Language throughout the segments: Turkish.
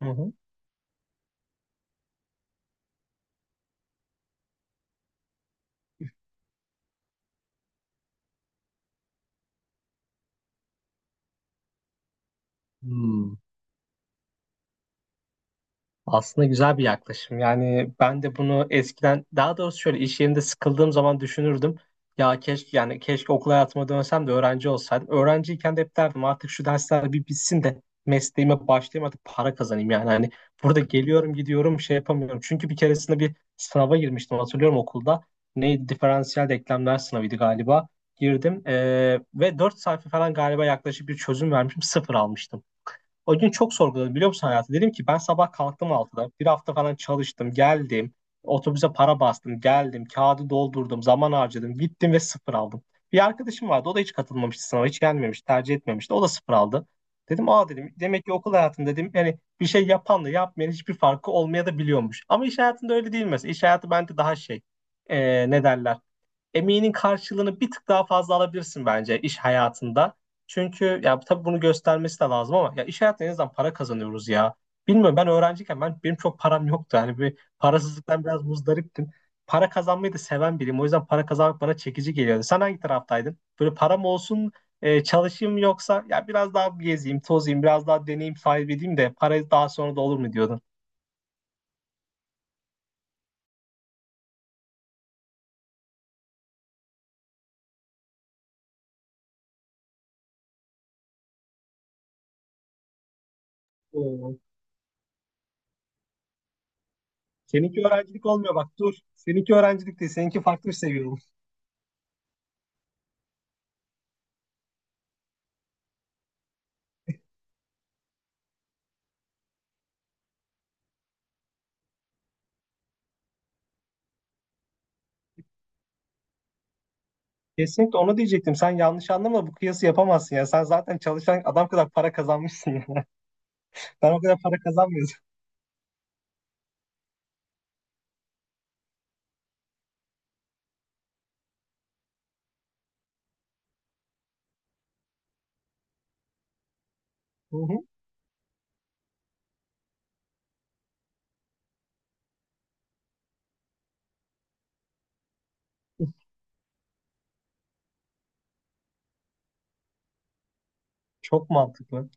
Hı hı. Hmm. Aslında güzel bir yaklaşım. Yani ben de bunu eskiden daha doğrusu şöyle iş yerinde sıkıldığım zaman düşünürdüm. Ya keşke yani keşke okul hayatıma dönsem de öğrenci olsaydım. Öğrenciyken de hep derdim artık şu dersler bir bitsin de mesleğime başlayayım artık para kazanayım yani. Hani burada geliyorum gidiyorum şey yapamıyorum. Çünkü bir keresinde bir sınava girmiştim, hatırlıyorum, okulda. Neydi? Diferansiyel denklemler sınavıydı galiba. Girdim ve 4 sayfa falan galiba yaklaşık bir çözüm vermişim. Sıfır almıştım. O gün çok sorguladım, biliyor musun, hayatı? Dedim ki ben sabah kalktım altıda, bir hafta falan çalıştım, geldim. Otobüse para bastım, geldim. Kağıdı doldurdum, zaman harcadım. Gittim ve sıfır aldım. Bir arkadaşım vardı. O da hiç katılmamıştı sınava. Hiç gelmemiş, tercih etmemişti. O da sıfır aldı. Dedim aa dedim. Demek ki okul hayatında dedim yani bir şey yapanla yapmayan hiçbir farkı olmaya da biliyormuş. Ama iş hayatında öyle değil mesela. İş hayatı bence daha şey. Ne derler? Emeğinin karşılığını bir tık daha fazla alabilirsin bence iş hayatında. Çünkü ya tabii bunu göstermesi de lazım ama ya iş hayatında en azından para kazanıyoruz ya. Bilmiyorum, ben öğrenciyken benim çok param yoktu. Hani bir parasızlıktan biraz muzdariptim. Para kazanmayı da seven biriyim. O yüzden para kazanmak bana çekici geliyordu. Sen hangi taraftaydın? Böyle param olsun çalışayım yoksa ya biraz daha gezeyim, tozayım, biraz daha deneyim sahibi edeyim de para daha sonra da olur mu diyordun? Oo. Seninki öğrencilik olmuyor, bak dur. Seninki öğrencilik değil. Seninki farklı bir seviye. Kesinlikle onu diyecektim. Sen yanlış anlama, bu kıyası yapamazsın ya. Sen zaten çalışan adam kadar para kazanmışsın ya. Ben o kadar para kazanmıyorum. Hı hı. Çok mantıklı.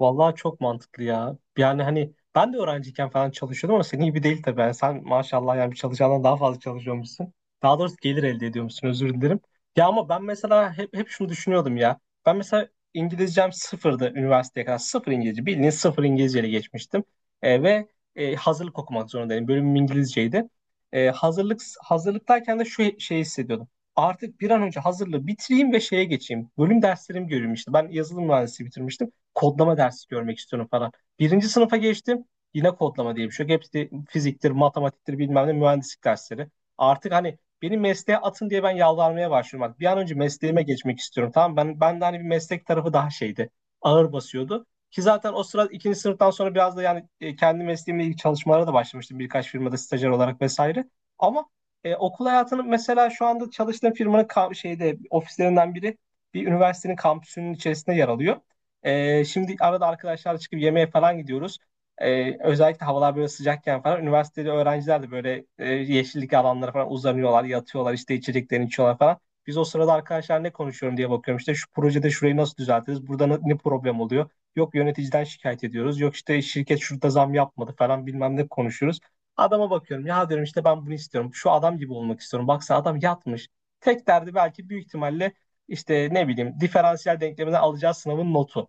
Vallahi çok mantıklı ya. Yani hani ben de öğrenciyken falan çalışıyordum ama senin gibi değil tabii. Yani sen maşallah yani bir çalışandan daha fazla çalışıyormuşsun. Daha doğrusu gelir elde ediyormuşsun, özür dilerim. Ya ama ben mesela hep şunu düşünüyordum ya. Ben mesela İngilizcem sıfırdı üniversiteye kadar. Sıfır İngilizce. Bildiğin sıfır İngilizceyle geçmiştim. E, ve Hazırlık okumak zorundaydım. Bölümüm İngilizceydi. E, hazırlıktayken de şu şeyi hissediyordum. Artık bir an önce hazırlığı bitireyim ve şeye geçeyim. Bölüm derslerimi görüyorum işte. Ben yazılım mühendisliği bitirmiştim, kodlama dersi görmek istiyorum falan. Birinci sınıfa geçtim. Yine kodlama diye bir şey yok. Hepsi fiziktir, matematiktir, bilmem ne mühendislik dersleri. Artık hani beni mesleğe atın diye ben yalvarmaya başlıyorum. Bak, bir an önce mesleğime geçmek istiyorum. Tamam, ben de hani bir meslek tarafı daha şeydi. Ağır basıyordu. Ki zaten o sırada ikinci sınıftan sonra biraz da yani kendi mesleğimle ilgili çalışmalara da başlamıştım. Birkaç firmada stajyer olarak vesaire. Ama okul hayatının mesela şu anda çalıştığım firmanın şeyde ofislerinden biri bir üniversitenin kampüsünün içerisinde yer alıyor. Şimdi arada arkadaşlarla çıkıp yemeğe falan gidiyoruz. Özellikle havalar böyle sıcakken falan üniversitede öğrenciler de böyle yeşillik alanlara falan uzanıyorlar, yatıyorlar, işte içeceklerini içiyorlar falan. Biz o sırada arkadaşlar ne konuşuyorum diye bakıyorum, işte şu projede şurayı nasıl düzeltiriz, burada ne problem oluyor. Yok yöneticiden şikayet ediyoruz, yok işte şirket şurada zam yapmadı falan bilmem ne konuşuyoruz. Adama bakıyorum ya, diyorum işte ben bunu istiyorum, şu adam gibi olmak istiyorum. Baksana adam yatmış. Tek derdi belki büyük ihtimalle işte ne bileyim diferansiyel denklemden alacağı sınavın notu.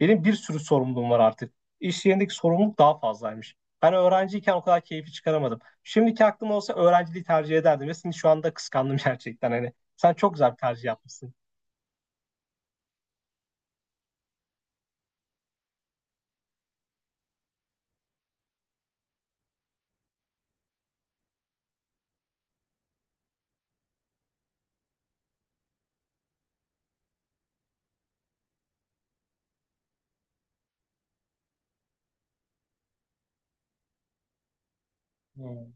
Benim bir sürü sorumluluğum var artık. İş yerindeki sorumluluk daha fazlaymış. Ben öğrenciyken o kadar keyfi çıkaramadım. Şimdiki aklım olsa öğrenciliği tercih ederdim ve seni şu anda kıskandım gerçekten. Hani sen çok güzel bir tercih yapmışsın. Hmm.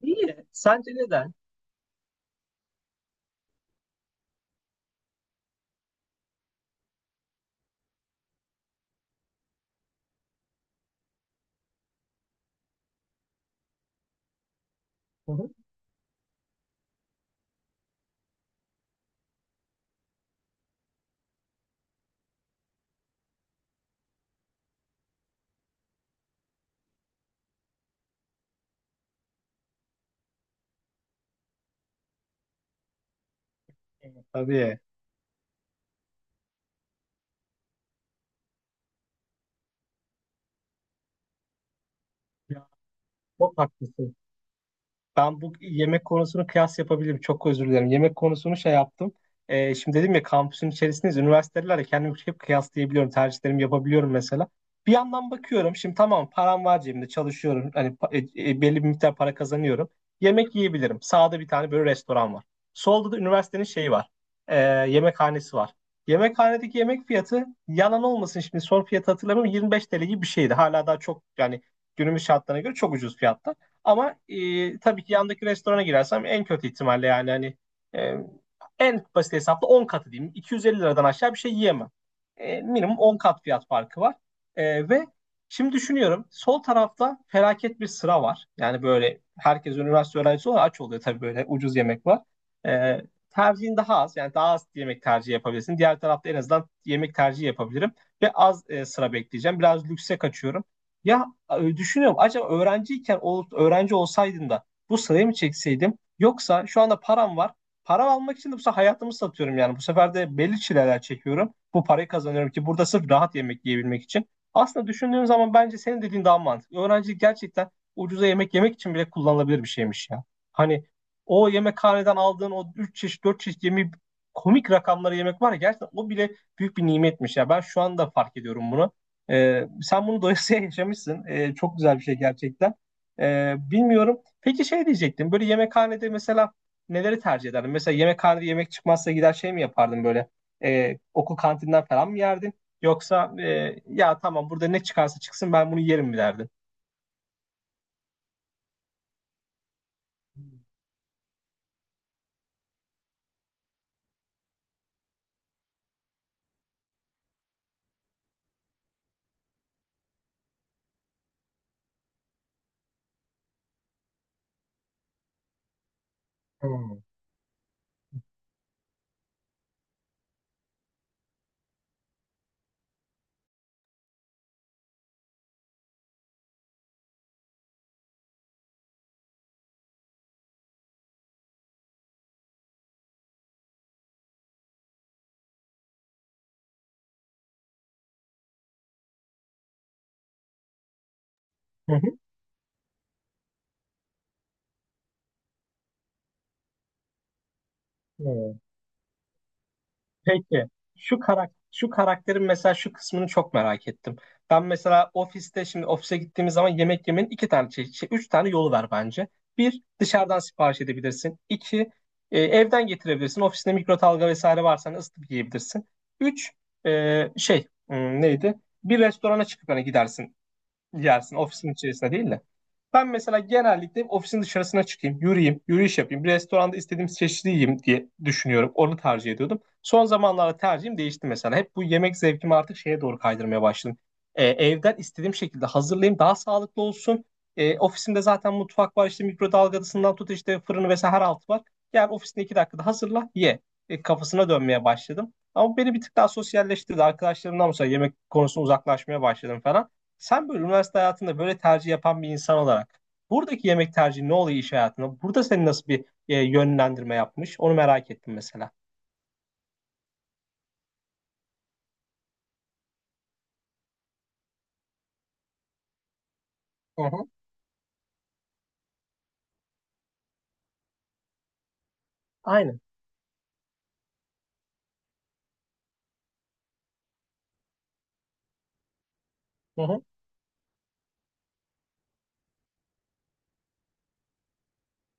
İyi. Sence neden? Hı hı. Evet, tabii. Ya, çok haklısın. Ben bu yemek konusunu kıyas yapabilirim. Çok özür dilerim. Yemek konusunu şey yaptım. Şimdi dedim ya kampüsün içerisindeyiz. Üniversitelerle kendimi hep kıyaslayabiliyorum. Tercihlerimi yapabiliyorum mesela. Bir yandan bakıyorum. Şimdi tamam, param var cebimde. Çalışıyorum. Hani belli bir miktar para kazanıyorum. Yemek yiyebilirim. Sağda bir tane böyle restoran var. Solda da üniversitenin şeyi var. Ee, Yemekhanesi var. Yemekhanedeki yemek fiyatı, yalan olmasın, şimdi son fiyatı hatırlamıyorum, 25 TL gibi bir şeydi. Hala daha çok yani günümüz şartlarına göre çok ucuz fiyatta. Ama tabii ki yandaki restorana girersem en kötü ihtimalle yani hani e, en basit hesapla 10 katı diyeyim. 250 liradan aşağı bir şey yiyemem. E, minimum 10 kat fiyat farkı var. E, ve şimdi düşünüyorum, sol tarafta felaket bir sıra var. Yani böyle herkes üniversite öğrencisi olarak aç oluyor tabii, böyle ucuz yemek var. E, Tercihin daha az, yani daha az yemek tercihi yapabilirsin. Diğer tarafta en azından yemek tercihi yapabilirim ve az sıra bekleyeceğim. Biraz lükse kaçıyorum. Ya düşünüyorum, acaba öğrenciyken öğrenci olsaydım da bu sırayı mı çekseydim, yoksa şu anda param var. Para almak için de bu sefer hayatımı satıyorum yani. Bu sefer de belli çileler çekiyorum. Bu parayı kazanıyorum ki burada sırf rahat yemek yiyebilmek için. Aslında düşündüğüm zaman bence senin dediğin daha mantıklı. Öğrencilik gerçekten ucuza yemek yemek için bile kullanılabilir bir şeymiş ya. Hani o yemekhaneden aldığın o 3 çeşit 4 çeşit yemeği, komik rakamları yemek var ya gerçekten, o bile büyük bir nimetmiş ya. Ben şu anda fark ediyorum bunu. Sen bunu doyasıya yaşamışsın. Çok güzel bir şey gerçekten. Bilmiyorum. Peki şey diyecektim. Böyle yemekhanede mesela neleri tercih ederdin? Mesela yemekhanede yemek çıkmazsa gider şey mi yapardın böyle? Okul kantinden falan mı yerdin? Yoksa ya tamam burada ne çıkarsa çıksın ben bunu yerim mi derdin? Hmm. Hı hı. Peki şu karakterin mesela şu kısmını çok merak ettim. Ben mesela ofiste, şimdi ofise gittiğimiz zaman yemek yemenin iki tane şey, üç tane yolu var bence. Bir, dışarıdan sipariş edebilirsin. İki, evden getirebilirsin. Ofisinde mikrodalga vesaire varsa hani ısıtıp yiyebilirsin. Üç, neydi? Bir restorana çıkıp hani gidersin, yersin, ofisin içerisinde değil de. Ben mesela genellikle ofisin dışarısına çıkayım, yürüyeyim, yürüyüş yapayım, bir restoranda istediğim çeşidi yiyeyim diye düşünüyorum. Onu tercih ediyordum. Son zamanlarda tercihim değişti mesela. Hep bu yemek zevkimi artık şeye doğru kaydırmaya başladım. Evden istediğim şekilde hazırlayayım, daha sağlıklı olsun. Ofisimde zaten mutfak var, işte mikrodalgasından tut, işte fırını vesaire her altı var. Yani ofisinde iki dakikada hazırla, ye. E, kafasına dönmeye başladım. Ama beni bir tık daha sosyalleştirdi. Arkadaşlarımdan mesela yemek konusunda uzaklaşmaya başladım falan. Sen böyle üniversite hayatında böyle tercih yapan bir insan olarak buradaki yemek tercihi ne oluyor iş hayatında? Burada seni nasıl bir yönlendirme yapmış? Onu merak ettim mesela. Hı hı. Aynen. Hı hı.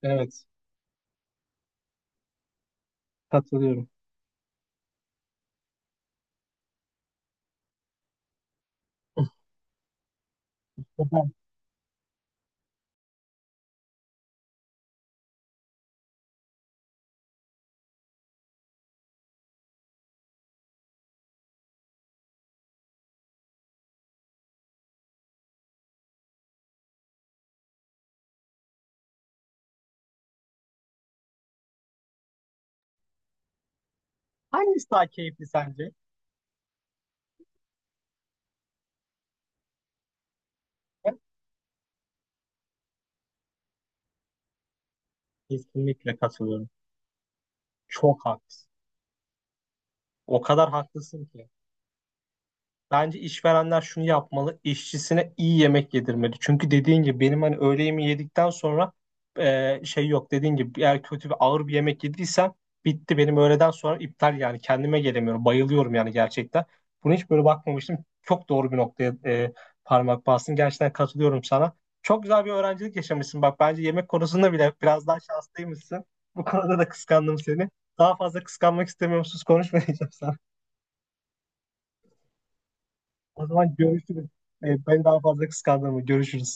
Evet. Katılıyorum. Hangisi daha keyifli sence? Kesinlikle katılıyorum. Çok haklısın. O kadar haklısın ki. Bence işverenler şunu yapmalı, işçisine iyi yemek yedirmeli. Çünkü dediğin gibi benim hani öğle yemeği yedikten sonra şey yok. Dediğin gibi eğer kötü bir ağır bir yemek yediysem bitti, benim öğleden sonra iptal yani, kendime gelemiyorum. Bayılıyorum yani gerçekten. Bunu hiç böyle bakmamıştım. Çok doğru bir noktaya parmak bastın. Gerçekten katılıyorum sana. Çok güzel bir öğrencilik yaşamışsın. Bak bence yemek konusunda bile biraz daha şanslıymışsın. Bu konuda da kıskandım seni. Daha fazla kıskanmak istemiyorum. Sus, konuşmayacağım sana. O zaman görüşürüz. Ben daha fazla kıskandırma. Görüşürüz.